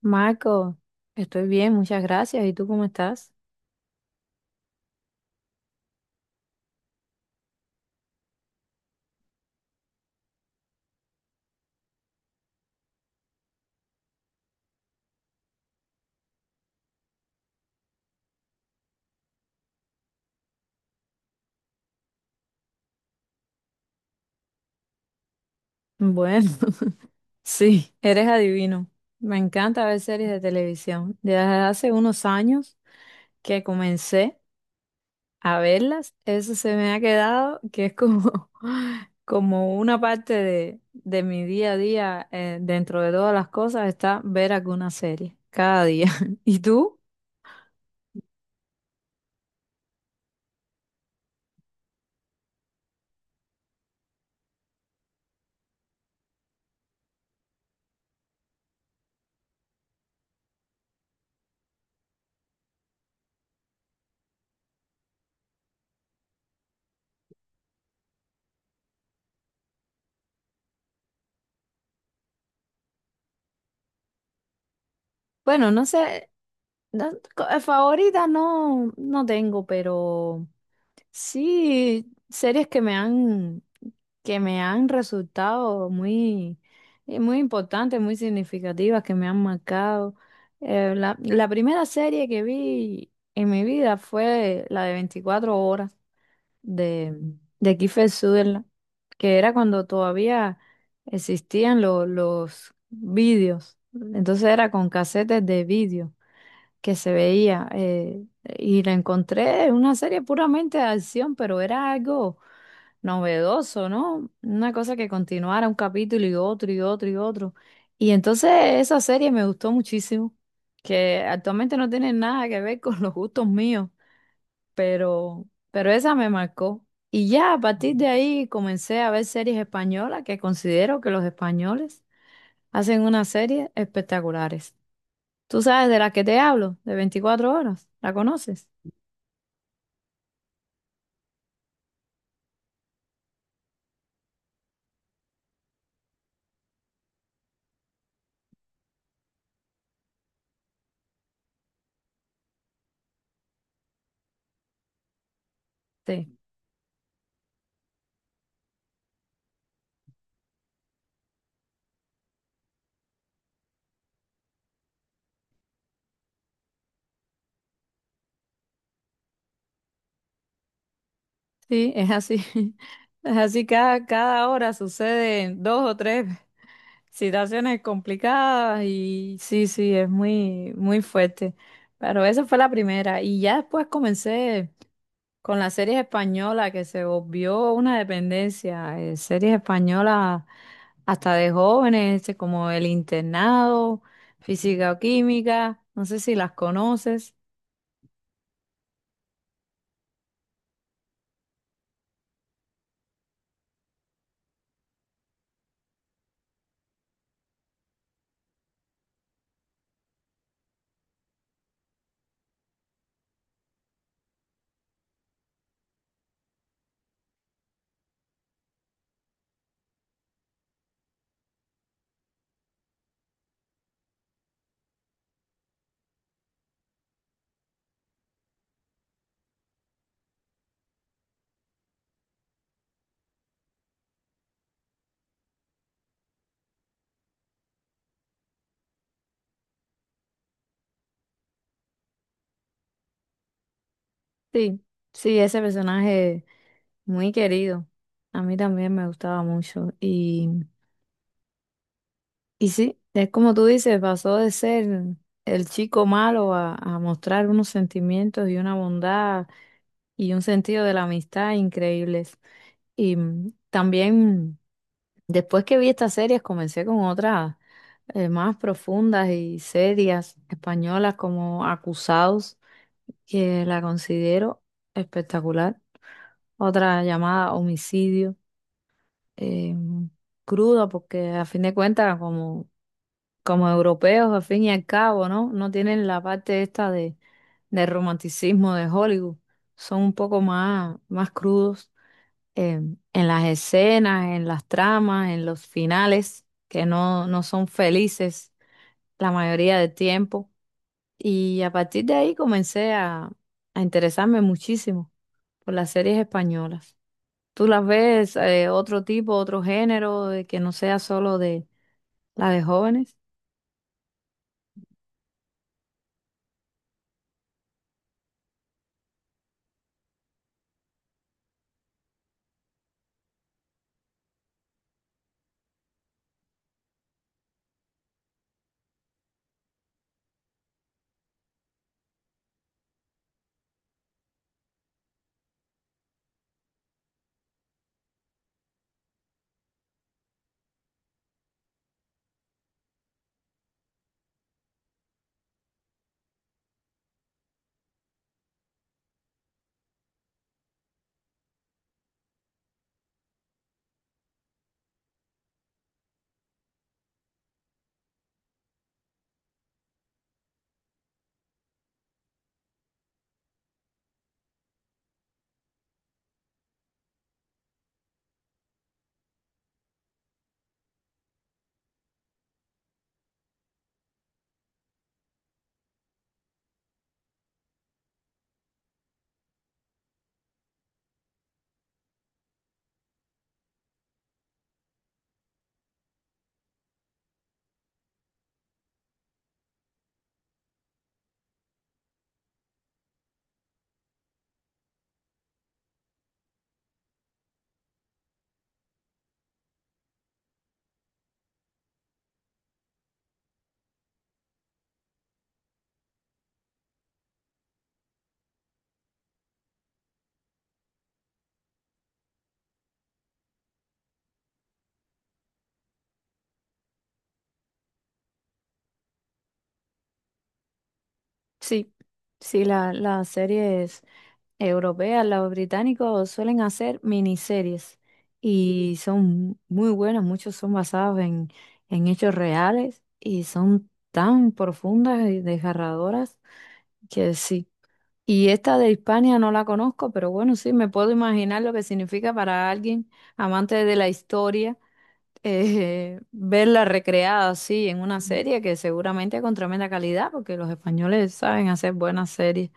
Marco, estoy bien, muchas gracias. ¿Y tú cómo estás? Bueno, sí, eres adivino. Me encanta ver series de televisión. Desde hace unos años que comencé a verlas, eso se me ha quedado que es como, como una parte de mi día a día, dentro de todas las cosas, está ver alguna serie cada día. ¿Y tú? Bueno, no sé, favorita no, no tengo, pero... Sí, series que me han resultado muy importantes, muy significativas, que me han marcado. La primera serie que vi en mi vida fue la de 24 horas de, de Kiefer Sutherland, que era cuando todavía existían los vídeos. Entonces era con casetes de vídeo que se veía, y la encontré una serie puramente de acción, pero era algo novedoso, ¿no? Una cosa que continuara un capítulo y otro y otro y otro. Y entonces esa serie me gustó muchísimo, que actualmente no tiene nada que ver con los gustos míos, pero, pero esa me marcó. Y ya a partir de ahí comencé a ver series españolas que considero que los españoles hacen unas series espectaculares. Tú sabes de la que te hablo, de 24 horas. ¿La conoces? Sí, sí, es así. Es así, cada hora suceden dos o tres situaciones complicadas y sí, sí, es muy, muy fuerte. Pero esa fue la primera. Y ya después comencé con la serie española que se volvió una dependencia. Series españolas hasta de jóvenes, este, como El Internado, Física o Química. No sé si las conoces. Sí, sí, ese personaje muy querido. A mí también me gustaba mucho. Y sí, es como tú dices, pasó de ser el chico malo a mostrar unos sentimientos y una bondad y un sentido de la amistad increíbles. Y también después que vi estas series comencé con otras más profundas y serias españolas como Acusados, que la considero espectacular. Otra llamada homicidio, eh, cruda, porque a fin de cuentas, como, como europeos, al fin y al cabo, ¿no? No tienen la parte esta de romanticismo de Hollywood, son un poco más, más crudos, eh, en las escenas, en las tramas, en los finales, que no, no son felices la mayoría del tiempo. Y a partir de ahí comencé a interesarme muchísimo por las series españolas. ¿Tú las ves, otro tipo, otro género, de que no sea solo de la de jóvenes? Sí. Sí, las series europeas, los británicos suelen hacer miniseries y son muy buenas, muchos son basados en hechos reales y son tan profundas y desgarradoras que sí. Y esta de Hispania no la conozco, pero bueno, sí, me puedo imaginar lo que significa para alguien amante de la historia, verla recreada así en una serie que seguramente con tremenda calidad, porque los españoles saben hacer buenas series.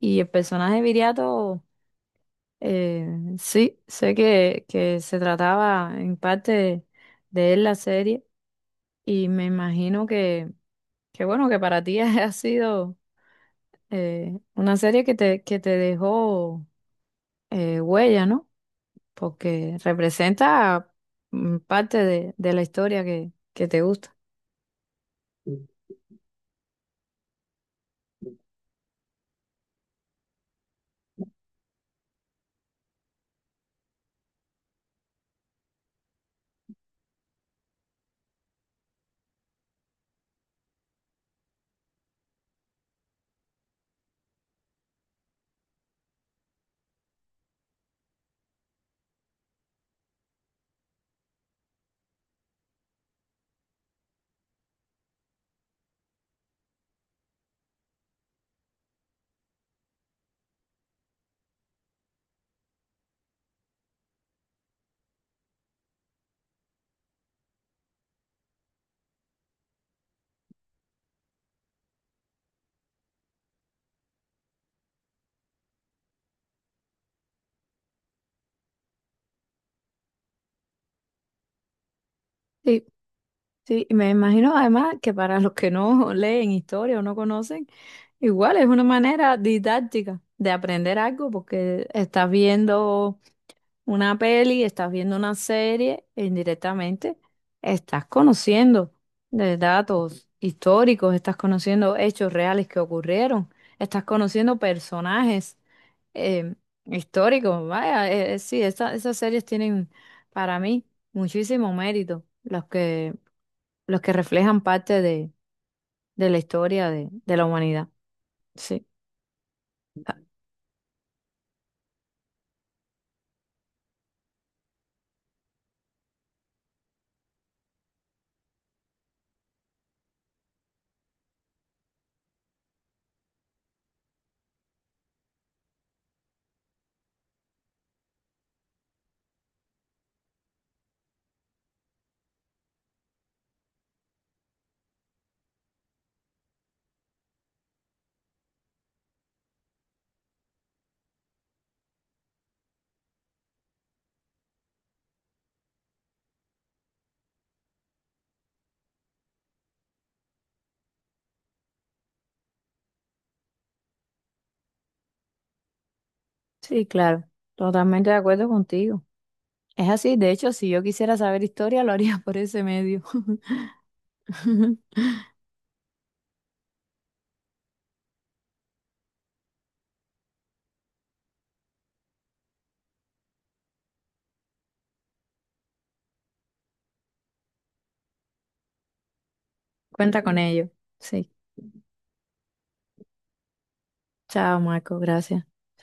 Y el personaje de Viriato, eh, sí, sé que se trataba en parte de él la serie y me imagino que bueno, que para ti ha sido, una serie que te dejó, huella, ¿no? Porque representa, parte de la historia que te gusta. Sí, sí, y me imagino además que para los que no leen historia o no conocen, igual es una manera didáctica de aprender algo porque estás viendo una peli, estás viendo una serie, e indirectamente estás conociendo de datos históricos, estás conociendo hechos reales que ocurrieron, estás conociendo personajes eh, históricos. Vaya, sí, esas series tienen para mí muchísimo mérito, los que reflejan parte de la historia de la humanidad. Sí, sí, claro, totalmente de acuerdo contigo. Es así, de hecho, si yo quisiera saber historia, lo haría por ese medio. Cuenta con ello. Sí. Chao, Marco, gracias.